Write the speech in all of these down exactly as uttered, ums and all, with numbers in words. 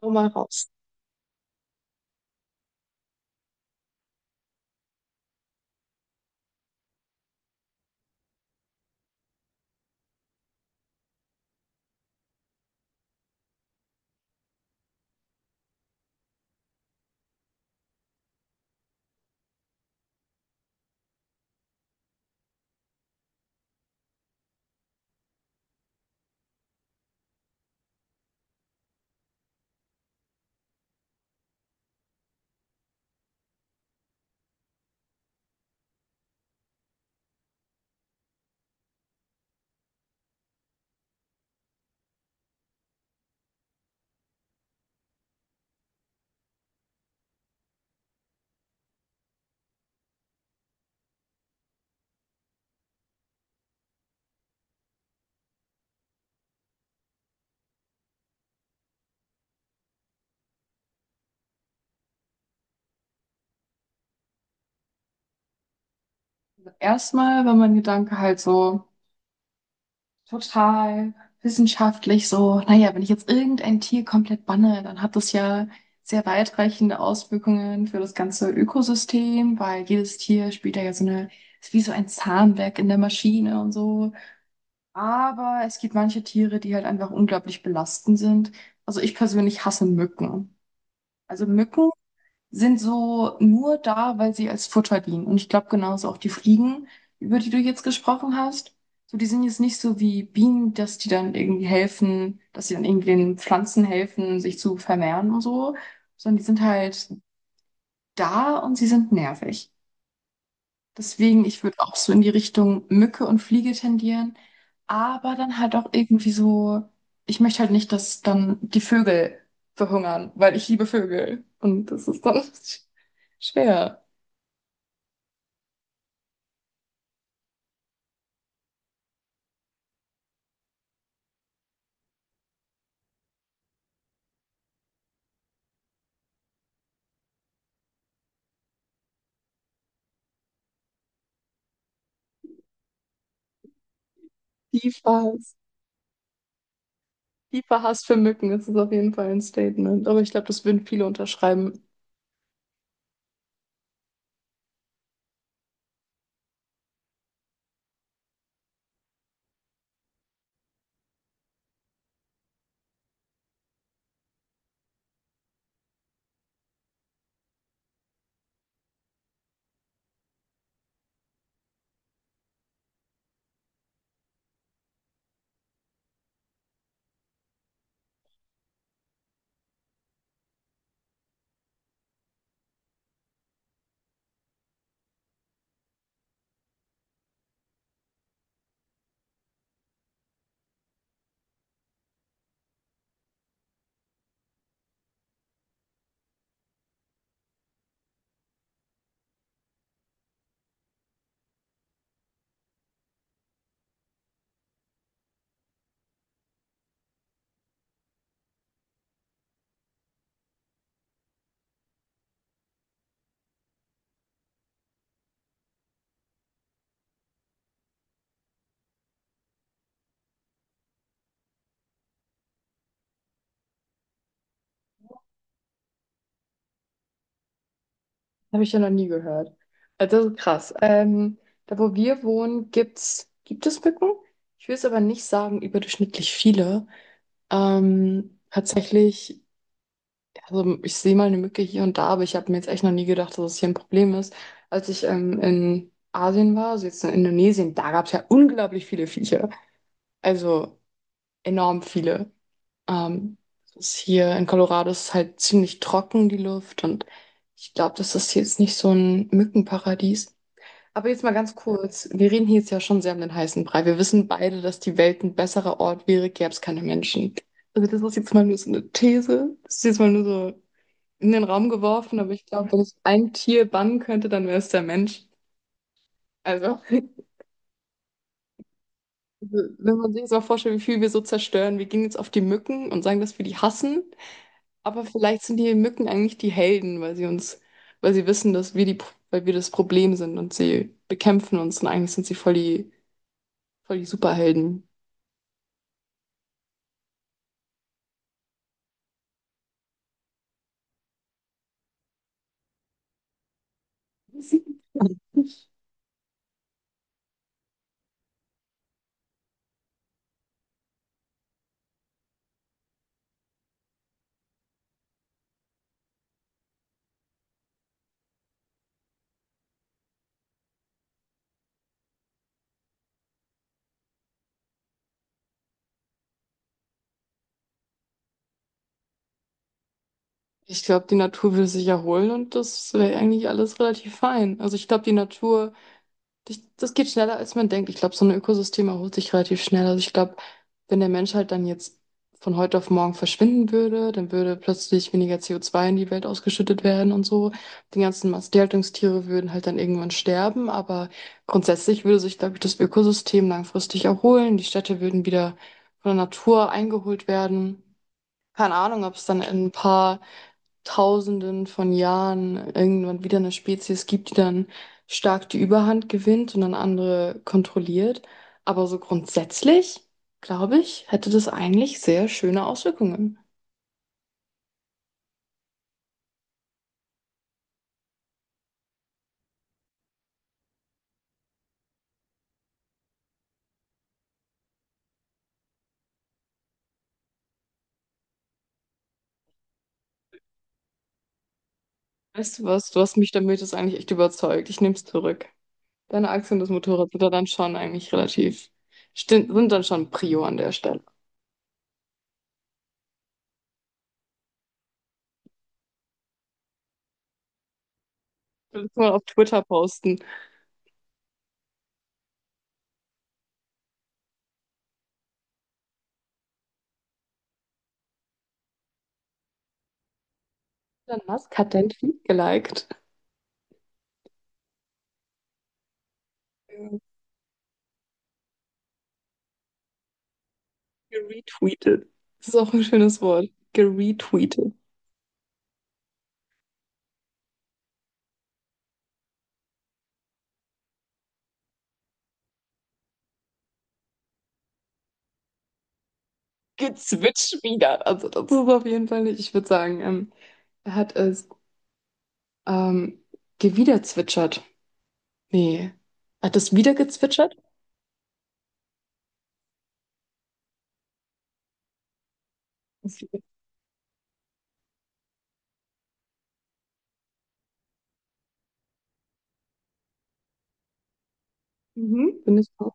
So mal raus. Erstmal war mein Gedanke halt so total Wissenschaft. Oh, wenn ich jetzt irgendein Tier komplett banne, dann hat das ja sehr weit Auswirkungen für das ganze Ökosystem, weil jene Wiesemaschine, aber die halt einfach unglaublich belastend sind. Also ich persönlich hasse Mücken. Also Mücken sind so als Futter, die also auch die Fliegen, über die du jetzt gesprochen hast. So, die sind jetzt nicht so wie Bienen, dass die dann irgendwie helfen, dass sie dann irgendwie den Pflanzen helfen, sich zu vermehren und so, sondern die sind halt da und sie sind nervig. Deswegen, ich würde auch so in die Richtung Mücke und Fliege tendieren, aber dann halt auch irgendwie so, ich möchte halt nicht, dass dann die Vögel verhungern, weil ich liebe Vögel und das ist dann schwer. Tiefer Hass, tiefer Hass für Mücken, das ist auf jeden Fall ein Statement, aber ich glaube, das würden viele unterschreiben. Habe ich ja noch nie gehört. Also das ist krass. Ähm, da, wo wir wohnen, gibt's, gibt es Mücken? Ich will es aber nicht sagen überdurchschnittlich viele. Ähm, tatsächlich, also ich sehe mal eine Mücke hier und da, aber ich habe mir jetzt echt noch nie gedacht, dass es hier ein Problem ist. Als ich ähm, in Asien war, also jetzt in Indonesien, da gab es ja unglaublich viele Viecher. Also enorm viele. Ähm, Es ist hier in Colorado ist halt ziemlich trocken, die Luft. Und ich glaube, das ist jetzt nicht so ein Mückenparadies. Aber jetzt mal ganz kurz. Wir reden hier jetzt ja schon sehr um den heißen Brei. Wir wissen beide, dass die Welt ein besserer Ort wäre, gäbe es keine Menschen. Also das ist jetzt mal nur so eine These. Das ist jetzt mal nur so in den Raum geworfen. Aber ich glaube, wenn ich ein Tier bannen könnte, dann wäre es der Mensch. Also, also, wenn man sich jetzt mal vorstellt, wie viel wir so zerstören. Wir gehen jetzt auf die Mücken und sagen, dass wir die hassen. Aber vielleicht sind die Mücken eigentlich die Helden, weil sie uns, weil sie wissen, dass wir die, weil wir das Problem sind und sie bekämpfen uns. Und eigentlich sind sie voll die, voll die Superhelden. Ich glaube, die Natur würde sich erholen und das wäre eigentlich alles relativ fein. Also ich glaube, die Natur, das das geht schneller, als man denkt. Ich glaube, so ein Ökosystem erholt sich relativ schnell. Also ich glaube, wenn der Mensch halt dann jetzt von heute auf morgen verschwinden würde, dann würde plötzlich weniger co zwei in die Welt ausgeschüttet werden und so. Die ganzen Massentierhaltungstiere würden halt dann irgendwann sterben, aber grundsätzlich würde sich, glaube ich, das Ökosystem langfristig erholen. Die Städte würden wieder von der Natur eingeholt werden. Keine Ahnung, ob es dann in ein paar Tausenden von Jahren irgendwann wieder eine Spezies gibt, die dann stark die Überhand gewinnt und dann andere kontrolliert. Aber so grundsätzlich, glaube ich, hätte das eigentlich sehr schöne Auswirkungen. Weißt du was? Du hast mich damit jetzt eigentlich echt überzeugt. Ich nehme es zurück. Deine Aktie und das Motorrad sind da dann schon eigentlich relativ, stin- sind dann schon Prio an der Stelle. Das kann auf Twitter posten. Elon Musk hat deinen Tweet geliked. Ja. Geretweetet. Das ist auch ein schönes Wort. Geretweetet. Gezwitscht wieder. Also das ist auf jeden Fall nicht. Ich würde sagen, ähm, er hat es ähm, gewiederzwitschert. Nee. Hat es wieder gezwitschert? Mhm. Bin ich auch.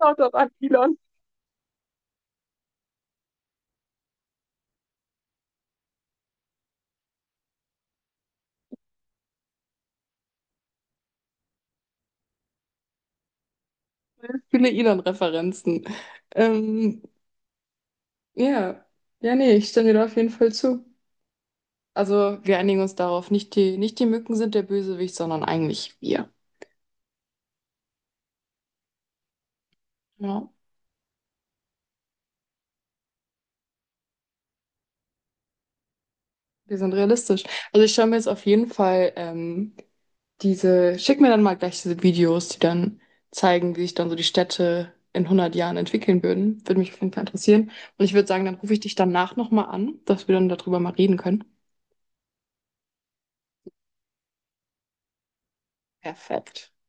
Schaut doch an Elon. Viele Elon-Referenzen. Ähm, ja. Ja, nee, ich stimme dir auf jeden Fall zu. Also wir einigen uns darauf, nicht die, nicht die Mücken sind der Bösewicht, sondern eigentlich wir. Ja. Wir sind realistisch. Also ich schaue mir jetzt auf jeden Fall ähm, diese, schick mir dann mal gleich diese Videos, die dann zeigen, wie sich dann so die Städte in hundert Jahren entwickeln würden. Würde mich auf jeden Fall interessieren. Und ich würde sagen, dann rufe ich dich danach nochmal an, dass wir dann darüber mal reden können. Perfekt.